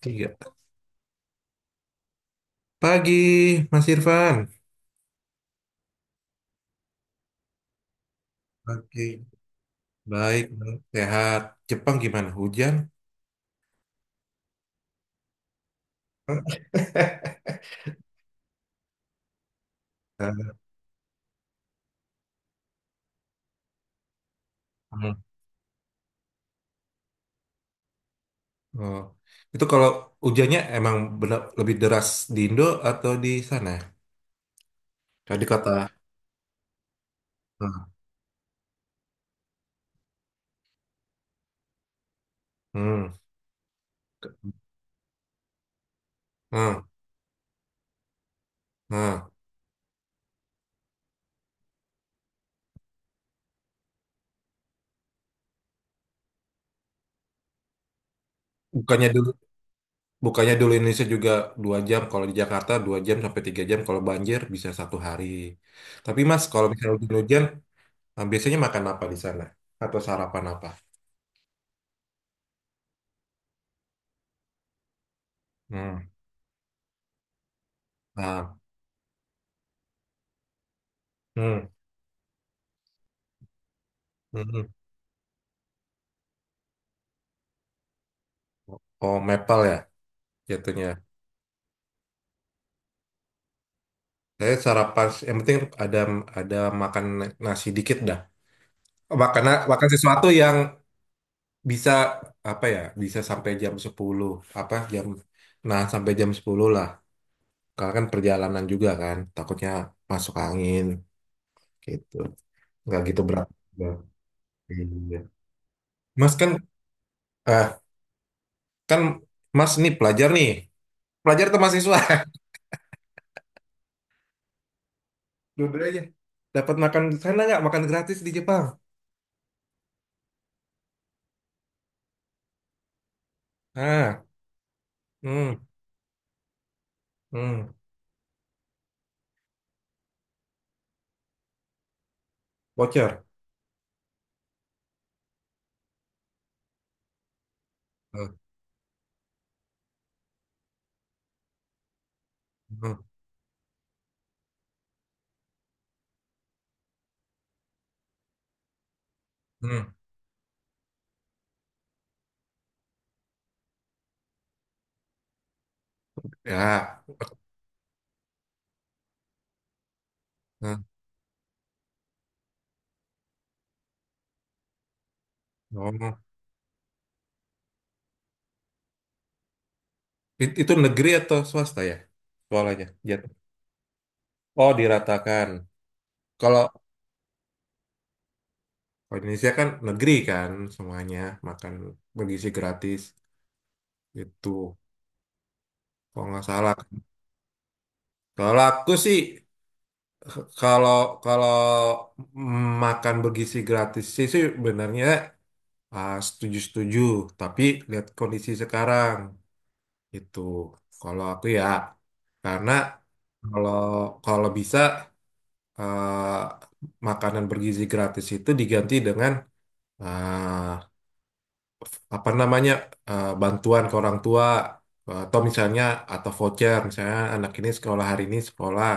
Tiga. Pagi, Mas Irfan. Pagi, baik, baik, sehat. Jepang gimana? Hujan? Hmm. Oh. Itu kalau hujannya emang benar lebih deras di Indo atau di sana? Kalau di kota. Hmm. Hmm. Hmm. Hmm. Bukannya dulu, bukannya dulu Indonesia juga 2 jam. Kalau di Jakarta 2 jam sampai 3 jam. Kalau banjir bisa satu hari. Tapi Mas, kalau misalnya hujan-hujan, biasanya makan apa di sana? Atau sarapan apa? Hmm. Nah. Hmm, hmm. Oh, maple ya jatuhnya. Saya sarapan yang penting ada ada makan nasi dikit dah. Makan makan sesuatu yang bisa apa ya? Bisa sampai jam 10 apa jam nah sampai jam 10 lah. Karena kan perjalanan juga kan, takutnya masuk angin gitu. Nggak gitu berat. Ya. Iya. Mas kan, eh kan Mas nih. Pelajar atau mahasiswa? Dua-duanya. Dapat makan di sana nggak? Makan gratis di Jepang. Ah. Hmm. Hmm, voucher. Hmm, hmm, hmm. Ya. Hmm. Oh. Itu negeri atau swasta ya? Sekolahnya. Jat. Oh, diratakan. Kalau kalau Indonesia kan negeri kan semuanya makan bergizi gratis itu kalau nggak salah. Kalau aku sih, k- kalau kalau makan bergizi gratis sih sih sebenarnya setuju-setuju, tapi lihat kondisi sekarang itu. Kalau aku ya, karena Kalau kalau bisa, eh, makanan bergizi gratis itu diganti dengan, eh, apa namanya, bantuan ke orang tua atau misalnya atau voucher, misalnya anak ini sekolah, hari ini sekolah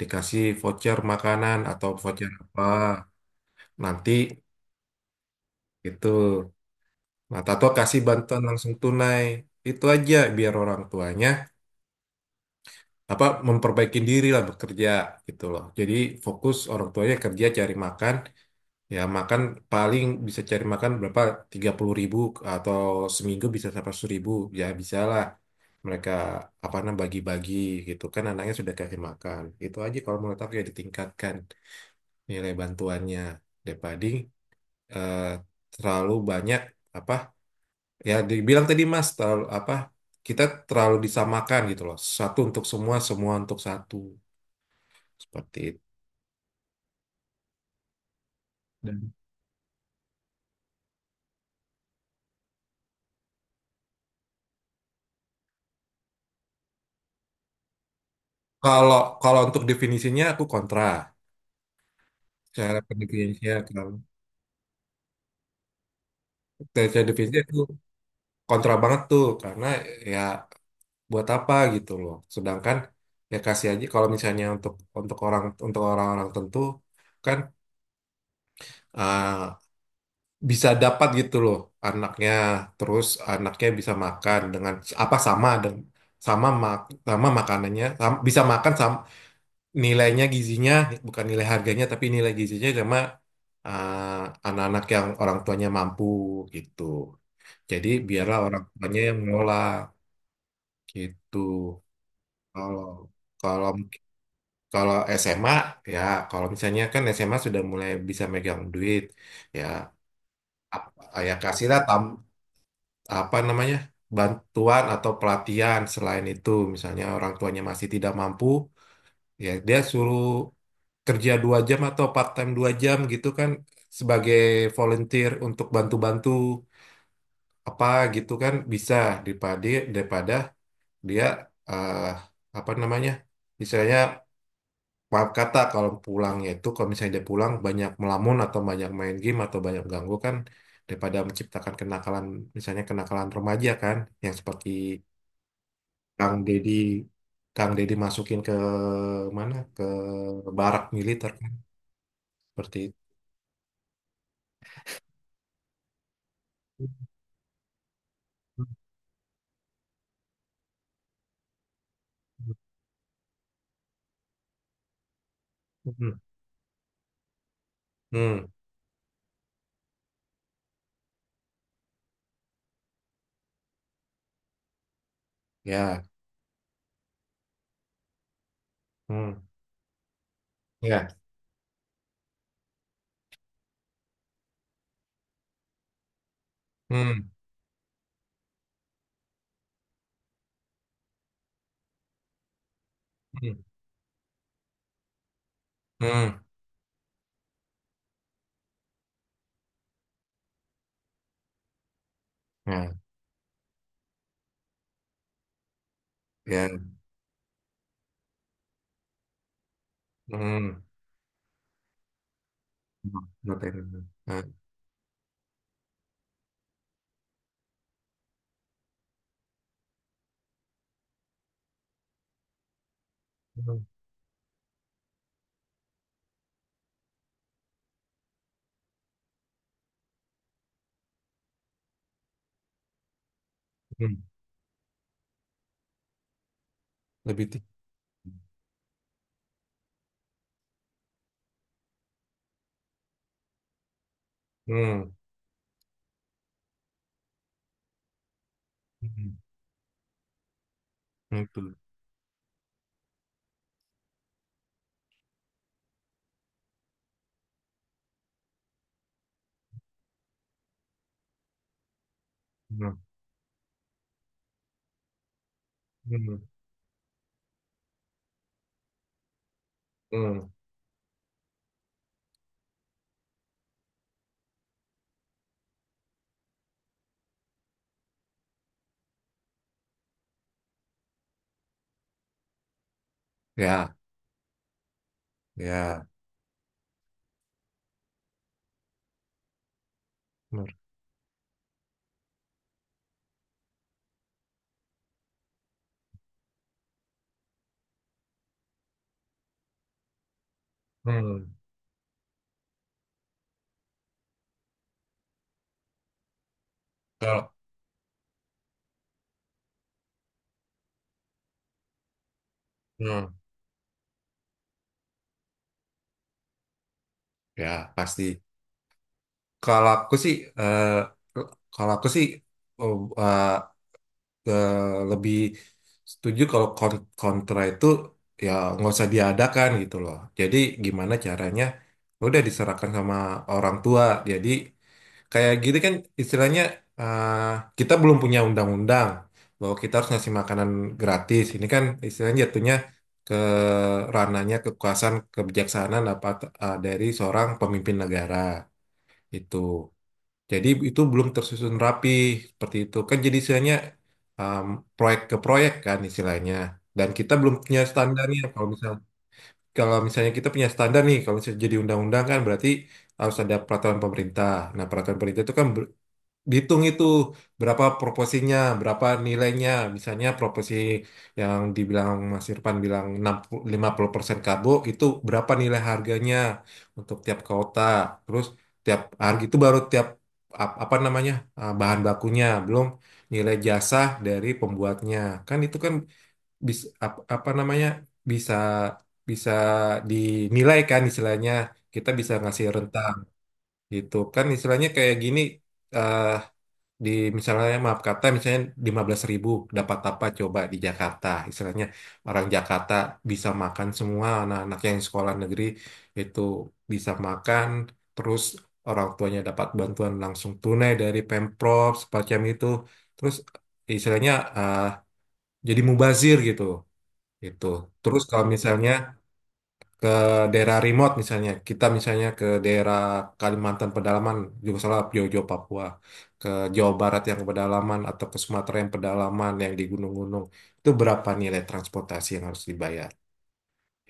dikasih voucher makanan atau voucher apa nanti itu, nah, atau kasih bantuan langsung tunai, itu aja biar orang tuanya apa memperbaiki diri lah bekerja gitu loh. Jadi fokus orang tuanya kerja cari makan, ya makan paling bisa cari makan berapa 30.000 atau seminggu bisa sampai 100 ribu, ya bisa lah mereka apa namanya bagi-bagi gitu kan, anaknya sudah kasih makan, itu aja kalau menurut aku, ya ditingkatkan nilai bantuannya, daripada eh, terlalu banyak apa, ya dibilang tadi Mas, terlalu apa, kita terlalu disamakan gitu loh, satu untuk semua, semua untuk satu, seperti itu. Dan Kalau kalau untuk definisinya aku kontra. Cara pendefinisinya kan. Secara definisinya aku kontra banget tuh, karena ya buat apa gitu loh. Sedangkan ya kasih aja, kalau misalnya untuk orang, untuk orang-orang tentu kan, eh, bisa dapat gitu loh anaknya, terus anaknya bisa makan dengan apa, sama dengan sama mak sama makanannya, bisa makan sama nilainya gizinya, bukan nilai harganya tapi nilai gizinya sama anak-anak yang orang tuanya mampu gitu. Jadi biarlah orang tuanya yang mengelola gitu. Kalau kalau kalau SMA, ya kalau misalnya kan SMA sudah mulai bisa megang duit, ya ap- ya kasihlah, apa namanya, bantuan atau pelatihan selain itu, misalnya orang tuanya masih tidak mampu, ya dia suruh kerja 2 jam atau part time 2 jam gitu kan, sebagai volunteer untuk bantu-bantu apa gitu kan bisa, daripada daripada dia, eh, apa namanya, misalnya maaf kata, kalau pulangnya itu kalau misalnya dia pulang banyak melamun atau banyak main game atau banyak ganggu kan, daripada menciptakan kenakalan, misalnya kenakalan remaja kan yang seperti Kang Deddy Kang Deddy masukin ke mana, ke barak militer kan seperti itu. Hmm, ya. Hmm, ya. Hmm, hmm, 음, ya. 야, 음, 나 때리는, 아, 음, 음, lebih tinggi. Hmm, 음, itu. Hmm, 음, 음, ya, ya, benar, hmm, kalau, hmm, ya, pasti. Kalau aku sih, eh, kalau aku sih, oh, eh, lebih setuju kalau kontra itu, ya nggak usah diadakan gitu loh. Jadi gimana caranya? Ya udah diserahkan sama orang tua. Jadi kayak gini kan istilahnya, eh, kita belum punya undang-undang bahwa kita harus ngasih makanan gratis. Ini kan istilahnya jatuhnya ke ranahnya kekuasaan kebijaksanaan apa, dari seorang pemimpin negara itu. Jadi itu belum tersusun rapi seperti itu kan, jadi istilahnya, um, proyek ke proyek kan istilahnya, dan kita belum punya standarnya. Kalau kalau misalnya kita punya standar nih, kalau misalnya jadi undang-undang kan berarti harus ada peraturan pemerintah. Nah, peraturan pemerintah itu kan dihitung itu berapa proporsinya, berapa nilainya. Misalnya proporsi yang dibilang Mas Irfan, bilang 60 50% karbo itu berapa nilai harganya untuk tiap kota. Terus tiap harga itu baru tiap apa namanya, bahan bakunya, belum nilai jasa dari pembuatnya. Kan itu kan bisa apa namanya, bisa bisa dinilai kan, istilahnya kita bisa ngasih rentang gitu kan. Istilahnya kayak gini, eh, di misalnya maaf kata, misalnya 15.000 dapat apa coba di Jakarta, istilahnya orang Jakarta bisa makan semua, anak-anak yang sekolah negeri itu bisa makan, terus orang tuanya dapat bantuan langsung tunai dari Pemprov semacam itu, terus istilahnya, eh, jadi mubazir gitu itu. Terus kalau misalnya ke daerah remote, misalnya kita misalnya ke daerah Kalimantan pedalaman, juga salah Jojo Papua, ke Jawa Barat yang pedalaman atau ke Sumatera yang pedalaman yang di gunung-gunung itu, berapa nilai transportasi yang harus dibayar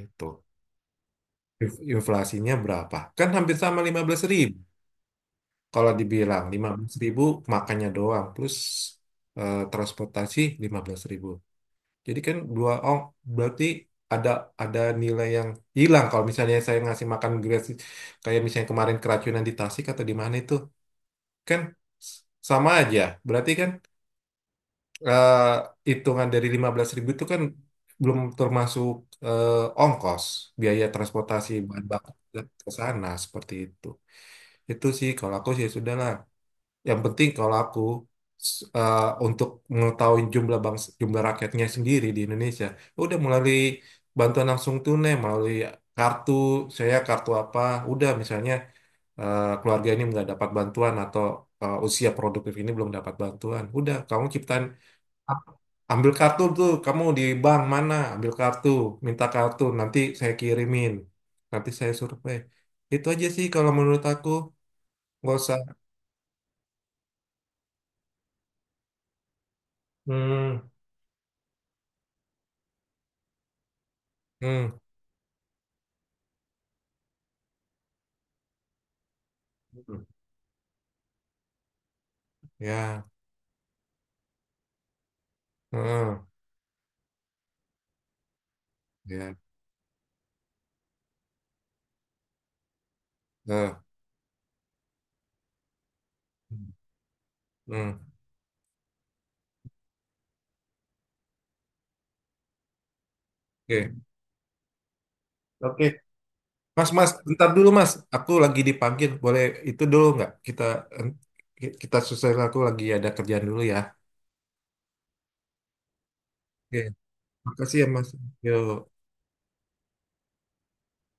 itu, inflasinya berapa kan hampir sama 15.000. Kalau dibilang 15.000 makannya doang plus transportasi 15.000, jadi kan dua. Oh berarti ada nilai yang hilang kalau misalnya saya ngasih makan gratis, kayak misalnya kemarin keracunan di Tasik atau di mana itu, kan s- sama aja. Berarti kan, eh, hitungan dari 15.000 itu kan belum termasuk, eh, ongkos, biaya transportasi bahan bakar ke sana seperti itu. Itu sih kalau aku sih sudah lah. Yang penting kalau aku, untuk mengetahui jumlah bangsa, jumlah rakyatnya sendiri di Indonesia, ya udah melalui bantuan langsung tunai, melalui kartu, saya kartu apa, udah misalnya, keluarga ini nggak dapat bantuan, atau usia produktif ini belum dapat bantuan, udah kamu ciptain, a- ambil kartu tuh, kamu di bank mana, ambil kartu, minta kartu, nanti saya kirimin, nanti saya survei. Itu aja sih kalau menurut aku, nggak usah. Hmm, hmm. Ya, heeh, ya, heeh. Hmm. Oke, oke. Mas, Mas, bentar dulu, Mas. Aku lagi dipanggil, boleh itu dulu nggak? Kita selesai, aku lagi ada kerjaan dulu ya. Oke, makasih ya, Mas. Yuk.